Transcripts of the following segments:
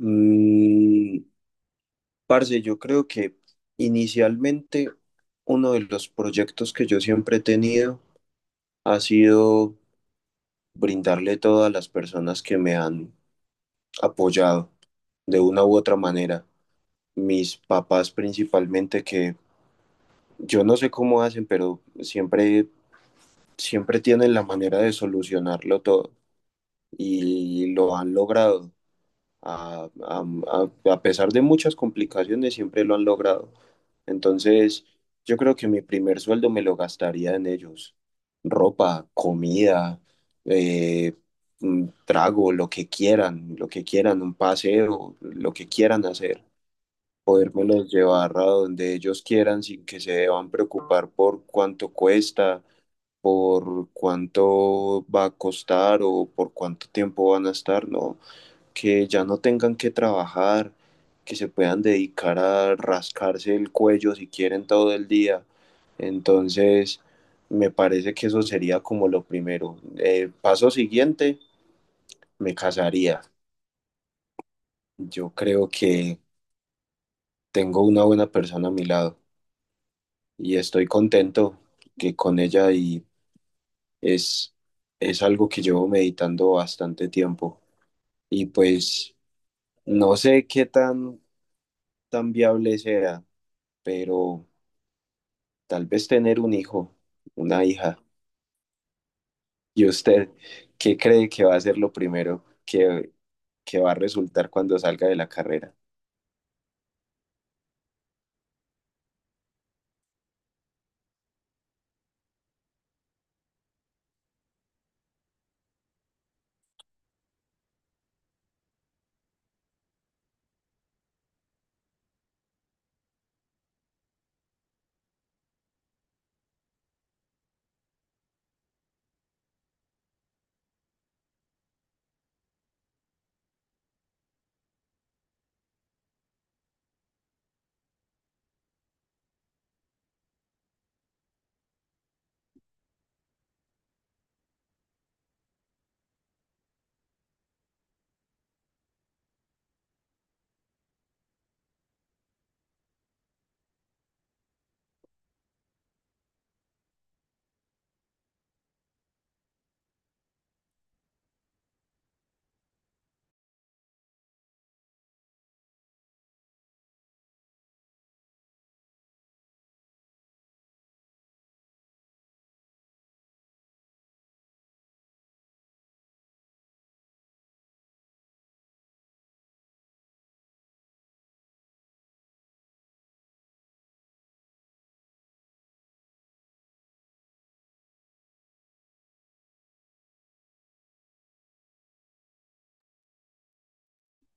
Mm, parce, yo creo que inicialmente uno de los proyectos que yo siempre he tenido ha sido brindarle todo a las personas que me han apoyado de una u otra manera. Mis papás principalmente que yo no sé cómo hacen, pero siempre tienen la manera de solucionarlo todo y lo han logrado. A pesar de muchas complicaciones, siempre lo han logrado. Entonces, yo creo que mi primer sueldo me lo gastaría en ellos. Ropa, comida, eh, trago, lo que quieran, un paseo, lo que quieran hacer. Podérmelos llevar a donde ellos quieran sin que se deban preocupar por cuánto cuesta, por cuánto va a costar o por cuánto tiempo van a estar, ¿no? Que ya no tengan que trabajar, que se puedan dedicar a rascarse el cuello si quieren todo el día. Entonces, me parece que eso sería como lo primero. Paso siguiente, me casaría. Yo creo que tengo una buena persona a mi lado y estoy contento que con ella y es, es algo que llevo meditando bastante tiempo. Y pues no sé qué tan viable sea, pero tal vez tener un hijo, una hija. ¿Y usted qué cree que va a ser lo primero que va a resultar cuando salga de la carrera?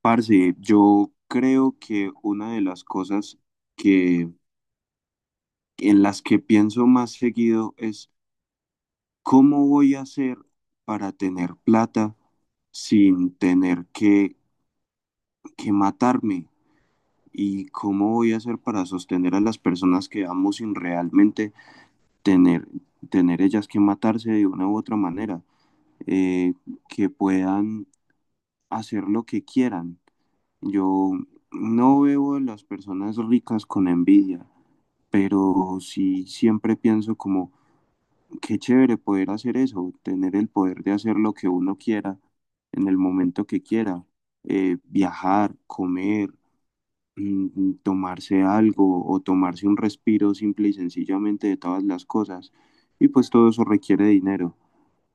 Parce, yo creo que una de las cosas que en las que pienso más seguido es cómo voy a hacer para tener plata sin tener que matarme y cómo voy a hacer para sostener a las personas que amo sin realmente tener, tener ellas que matarse de una u otra manera. eh, que puedan hacer lo que quieran. Yo no veo a las personas ricas con envidia, pero sí siempre pienso como, qué chévere poder hacer eso, tener el poder de hacer lo que uno quiera en el momento que quiera, viajar, comer, tomarse algo o tomarse un respiro simple y sencillamente de todas las cosas. Y pues todo eso requiere dinero.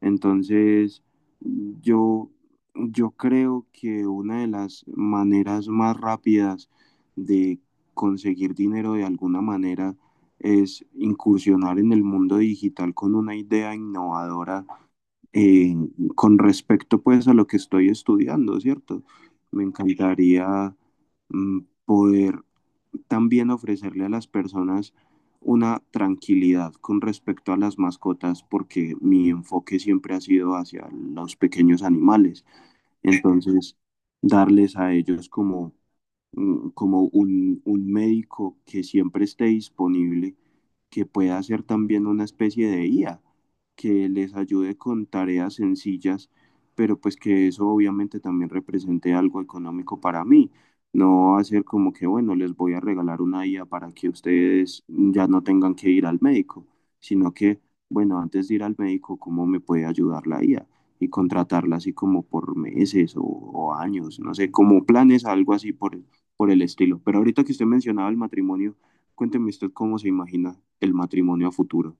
Entonces, yo, yo creo que una de las maneras más rápidas de conseguir dinero de alguna manera es incursionar en el mundo digital con una idea innovadora eh, con respecto pues a lo que estoy estudiando, ¿cierto? Me encantaría mm, poder también ofrecerle a las personas una tranquilidad con respecto a las mascotas porque mi enfoque siempre ha sido hacia los pequeños animales. Entonces, darles a ellos como como un médico que siempre esté disponible, que pueda ser también una especie de IA, que les ayude con tareas sencillas, pero pues que eso obviamente también represente algo económico para mí. No hacer como que, bueno, les voy a regalar una IA para que ustedes ya no tengan que ir al médico, sino que, bueno, antes de ir al médico, ¿cómo me puede ayudar la IA? Y contratarla así como por meses o años, no sé, como planes, algo así por el estilo. Pero ahorita que usted mencionaba el matrimonio, cuénteme usted cómo se imagina el matrimonio a futuro.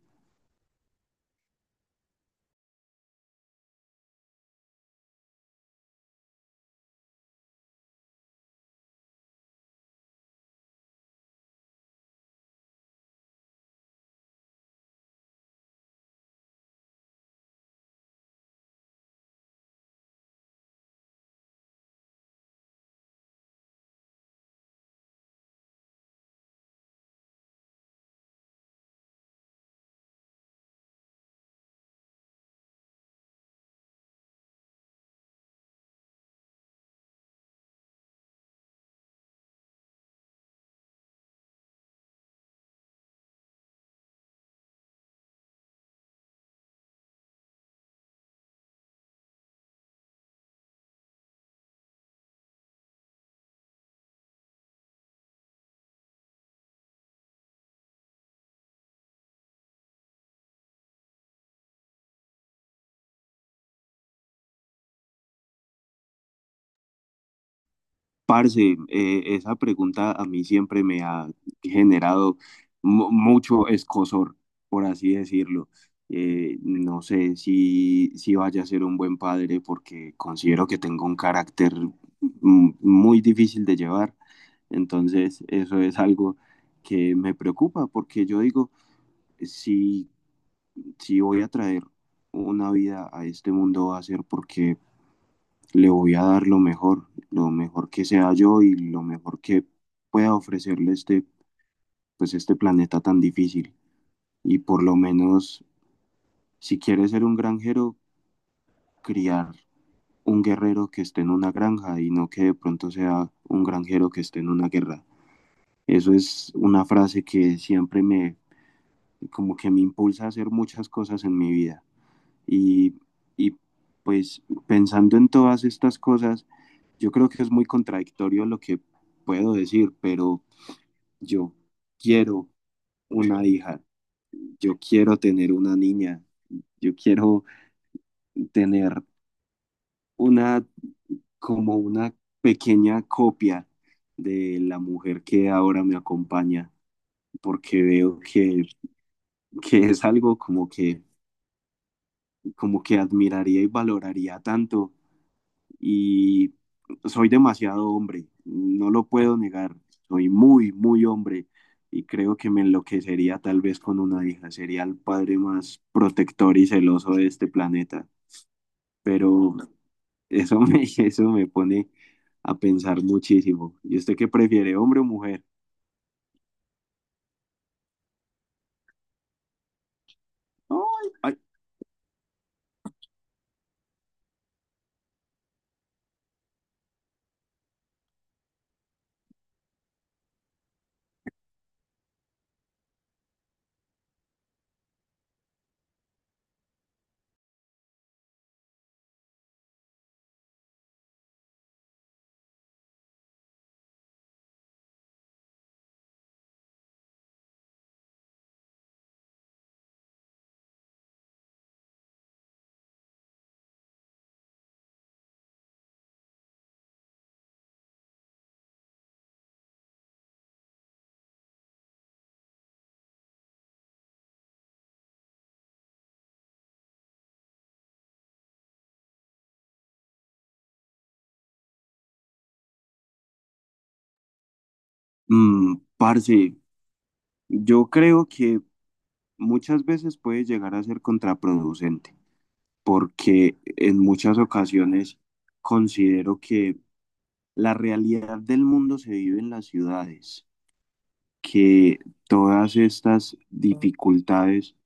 Parce, esa pregunta a mí siempre me ha generado mucho escozor, por así decirlo. No sé si vaya a ser un buen padre porque considero que tengo un carácter muy difícil de llevar. Entonces, eso es algo que me preocupa porque yo digo, si si voy a traer una vida a este mundo va a ser porque le voy a dar lo mejor que sea yo y lo mejor que pueda ofrecerle pues este planeta tan difícil. Y por lo menos, si quieres ser un granjero, criar un guerrero que esté en una granja y no que de pronto sea un granjero que esté en una guerra. Eso es una frase que siempre me, como que me impulsa a hacer muchas cosas en mi vida. Y, y pues pensando en todas estas cosas, yo creo que es muy contradictorio lo que puedo decir, pero yo quiero una hija, yo quiero tener una niña, yo quiero tener una como una pequeña copia de la mujer que ahora me acompaña, porque veo que es algo como que admiraría y valoraría tanto y soy demasiado hombre, no lo puedo negar, soy muy, muy hombre y creo que me enloquecería tal vez con una hija, sería el padre más protector y celoso de este planeta, pero eso me, eso me pone a pensar muchísimo. ¿Y usted qué prefiere, hombre o mujer? Ay, ay. Parce, yo creo que muchas veces puede llegar a ser contraproducente, porque en muchas ocasiones considero que la realidad del mundo se vive en las ciudades, que todas estas dificultades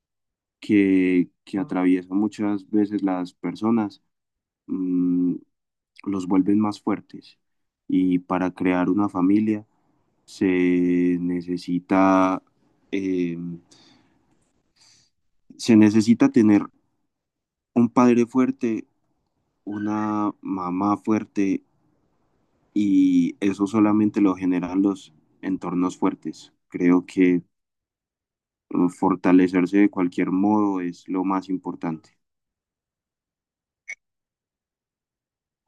que atraviesan muchas veces las personas mm, los vuelven más fuertes. Y para crear una familia se necesita, eh, se necesita tener un padre fuerte, una mamá fuerte, y eso solamente lo generan los entornos fuertes. Creo que fortalecerse de cualquier modo es lo más importante.